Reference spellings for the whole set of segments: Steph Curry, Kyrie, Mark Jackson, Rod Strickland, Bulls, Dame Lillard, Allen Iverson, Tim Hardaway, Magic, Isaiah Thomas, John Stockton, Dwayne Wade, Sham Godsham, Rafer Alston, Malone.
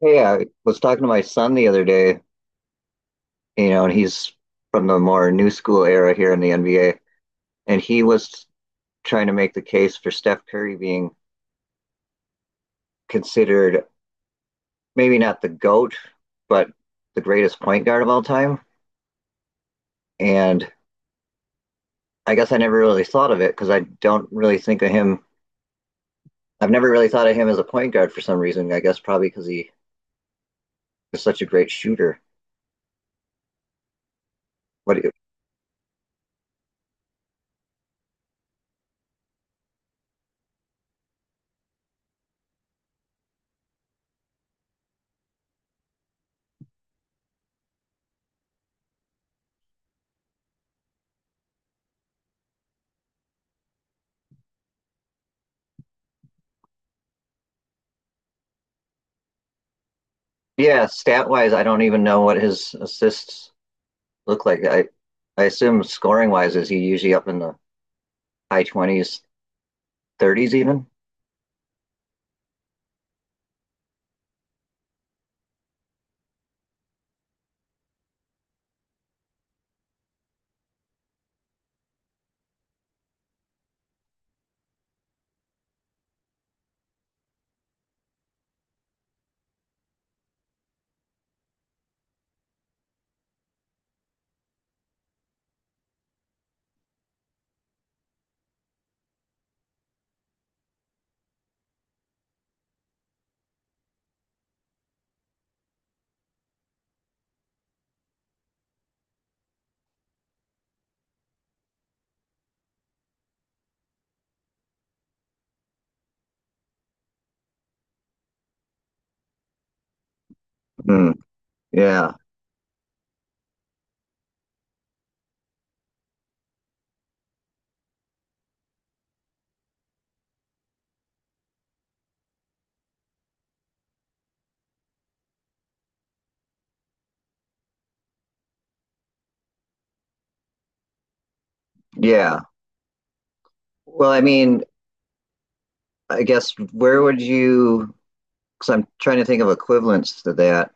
Hey, I was talking to my son the other day, you know, and he's from the more new school era here in the NBA, and he was trying to make the case for Steph Curry being considered maybe not the GOAT, but the greatest point guard of all time. And I guess I never really thought of it because I don't really think of him. I've never really thought of him as a point guard for some reason. I guess probably because he is such a great shooter. What? Yeah, stat wise, I don't even know what his assists look like. I assume scoring wise, is he usually up in the high 20s, 30s even? Hmm. Yeah. Yeah. Well, I mean, I guess where would you, because I'm trying to think of equivalents to that.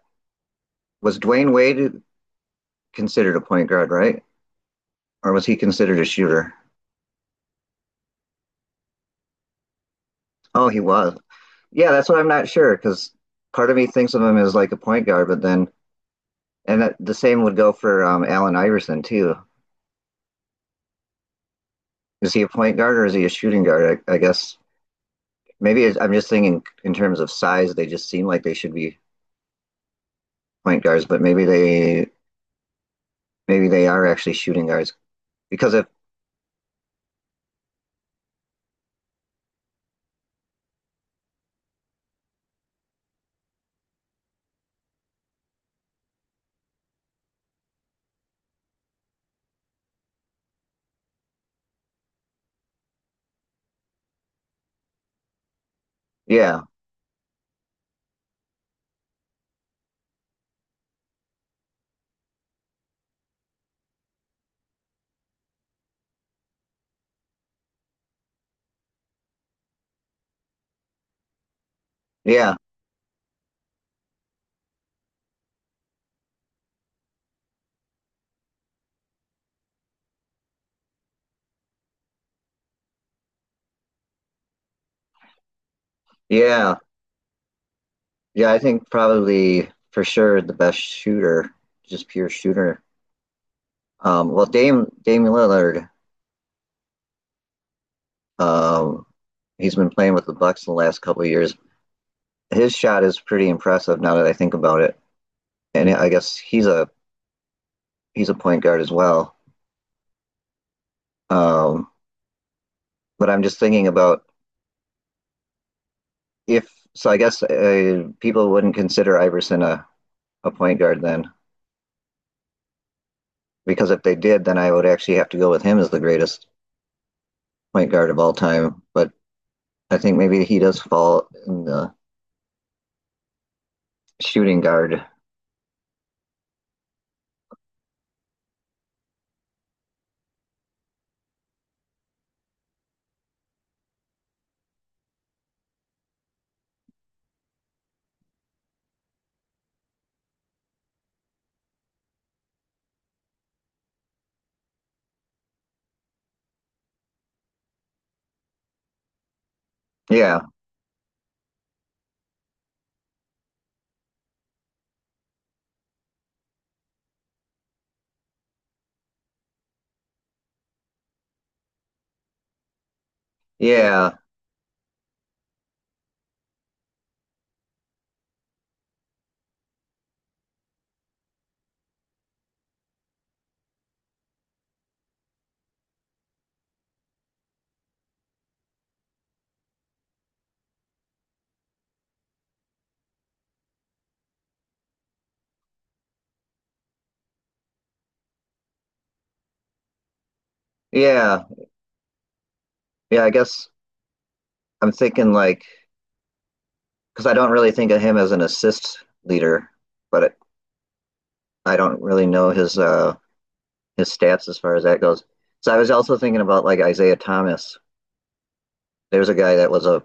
Was Dwayne Wade considered a point guard, right? Or was he considered a shooter? Oh, he was. Yeah, that's what I'm not sure because part of me thinks of him as like a point guard, but then, and that, the same would go for Allen Iverson too. Is he a point guard or is he a shooting guard? I guess maybe it's, I'm just thinking in terms of size, they just seem like they should be point guards, but maybe they are actually shooting guards because if yeah, yeah, yeah, yeah, I think probably for sure the best shooter, just pure shooter. Well, Dame Lillard, um, he's been playing with the Bucks the last couple of years. His shot is pretty impressive now that I think about it, and I guess he's a point guard as well. Um, but I'm just thinking about if so, I guess people wouldn't consider Iverson a point guard then, because if they did, then I would actually have to go with him as the greatest point guard of all time. But I think maybe he does fall in the shooting guard. Yeah, yeah, yeah, yeah. I guess I'm thinking like because I don't really think of him as an assist leader, but it, I don't really know his stats as far as that goes. So I was also thinking about like Isaiah Thomas. There's a guy that was a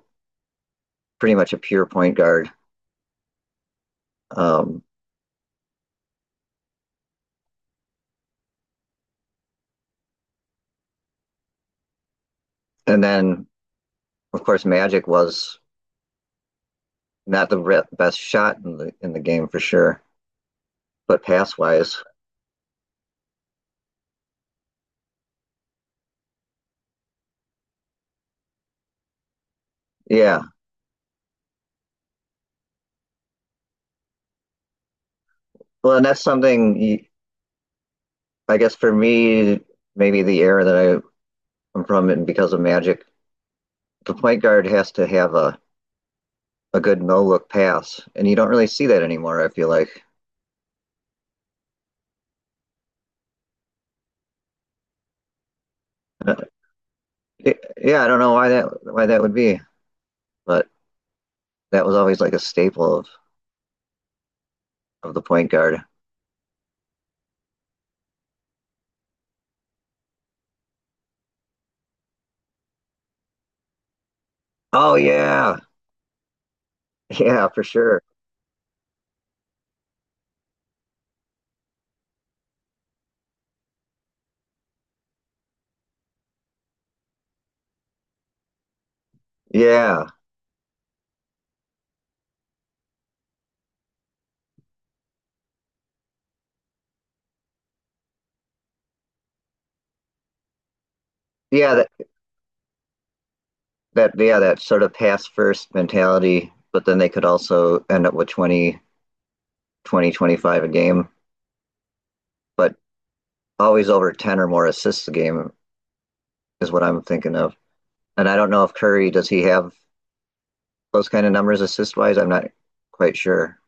pretty much a pure point guard. Um, And then, of course, Magic was not the best shot in the game for sure, but pass wise, yeah. Well, and that's I guess for me, maybe the era that I am from, and because of Magic, the point guard has to have a good no look pass, and you don't really see that anymore. I feel like, Uh, yeah, I don't know why that would be, but that was always like a staple of the point guard. Oh yeah, yeah, for sure, yeah, yeah. That yeah, that sort of pass first mentality, but then they could also end up with 25 a game, but always over 10 or more assists a game is what I'm thinking of. And I don't know if Curry does he have those kind of numbers assist wise. I'm not quite sure.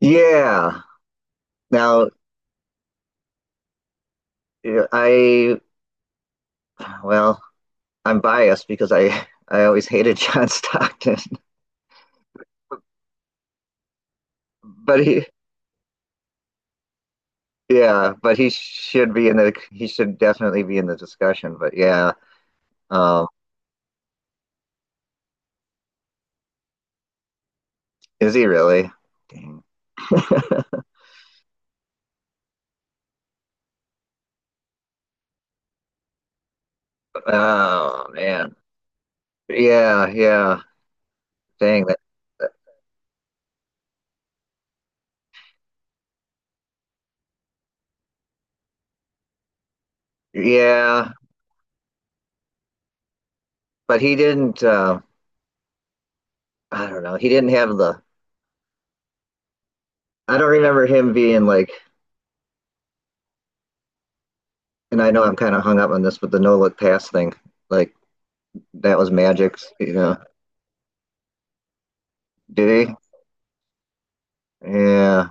Yeah, now I well, I'm biased because I always hated John Stockton, but he, yeah, but he should be in the, he should definitely be in the discussion, but yeah. um Is he really? Dang. Oh man. Yeah, yeah. Dang that. that- Yeah, but he didn't. I don't know. He didn't have the. I don't remember him being like. And I know I'm kind of hung up on this, but the no look pass thing, like that was Magic's. You know, did he? Yeah.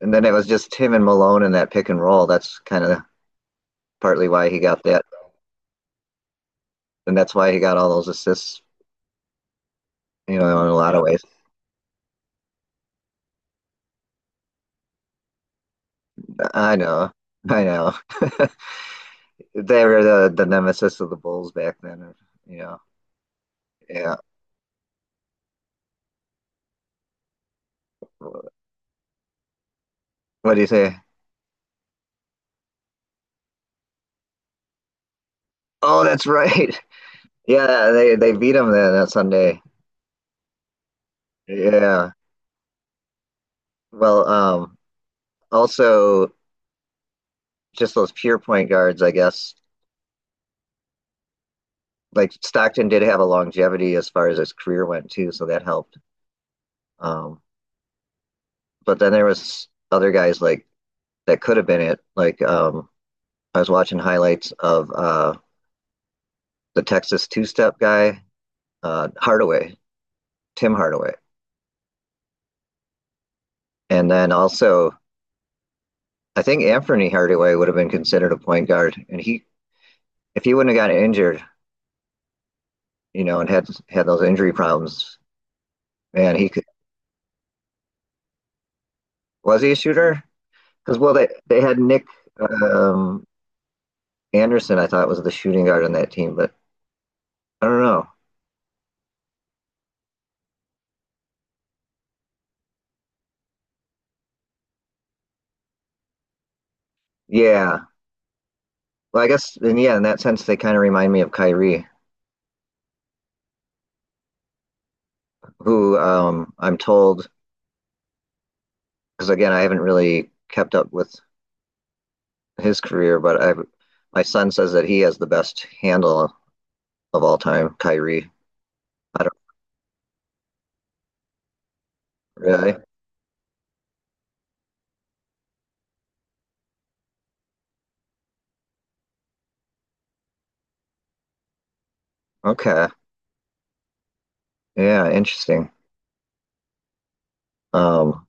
And then it was just him and Malone in that pick and roll. That's kind of partly why he got that, and that's why he got all those assists. You know, in a lot of ways. I know. I know. They were the nemesis of the Bulls back then. You know, yeah. What do you say? Oh, that's right. Yeah, they beat them then that Sunday. Yeah. Well, also just those pure point guards, I guess. Like Stockton did have a longevity as far as his career went too, so that helped. Um, but then there was other guys like that could have been it. Like I was watching highlights of the Texas two-step guy, Hardaway, Tim Hardaway. And then also, I think Anthony Hardaway would have been considered a point guard, and he if he wouldn't have gotten injured, you know, and had had those injury problems, man, he could was he a shooter? Because well, they had Nick um, Anderson, I thought was the shooting guard on that team, but I don't know. Yeah, well, I guess and yeah, in that sense, they kind of remind me of Kyrie, who I'm told because again, I haven't really kept up with his career, but I my son says that he has the best handle of all time, Kyrie. Really? Okay. Yeah, interesting. Um,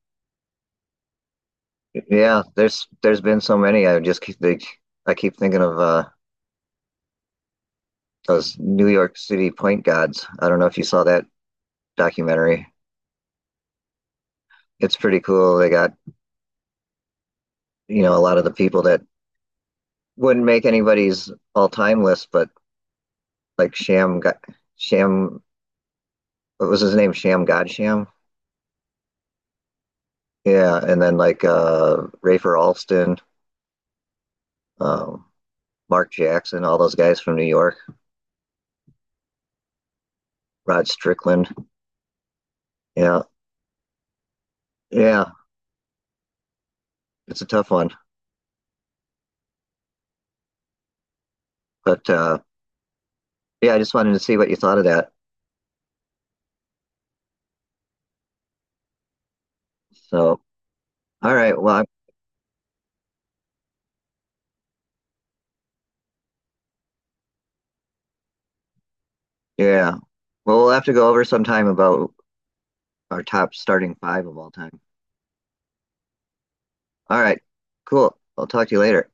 yeah, there's been so many. I just I keep thinking of those New York City point gods. I don't know if you saw that documentary. It's pretty cool. They got, you know, a lot of the people that wouldn't make anybody's all-time list, but like Sham Ga- Sham what was his name? Sham Godsham. Yeah, and then like Rafer Alston, um, Mark Jackson, all those guys from New York, Rod Strickland. Yeah. Yeah, it's a tough one. But yeah, I just wanted to see what you thought of that. So, all right. Yeah. Well, we'll have to go over sometime about our top starting five of all time. All right. Cool. I'll talk to you later.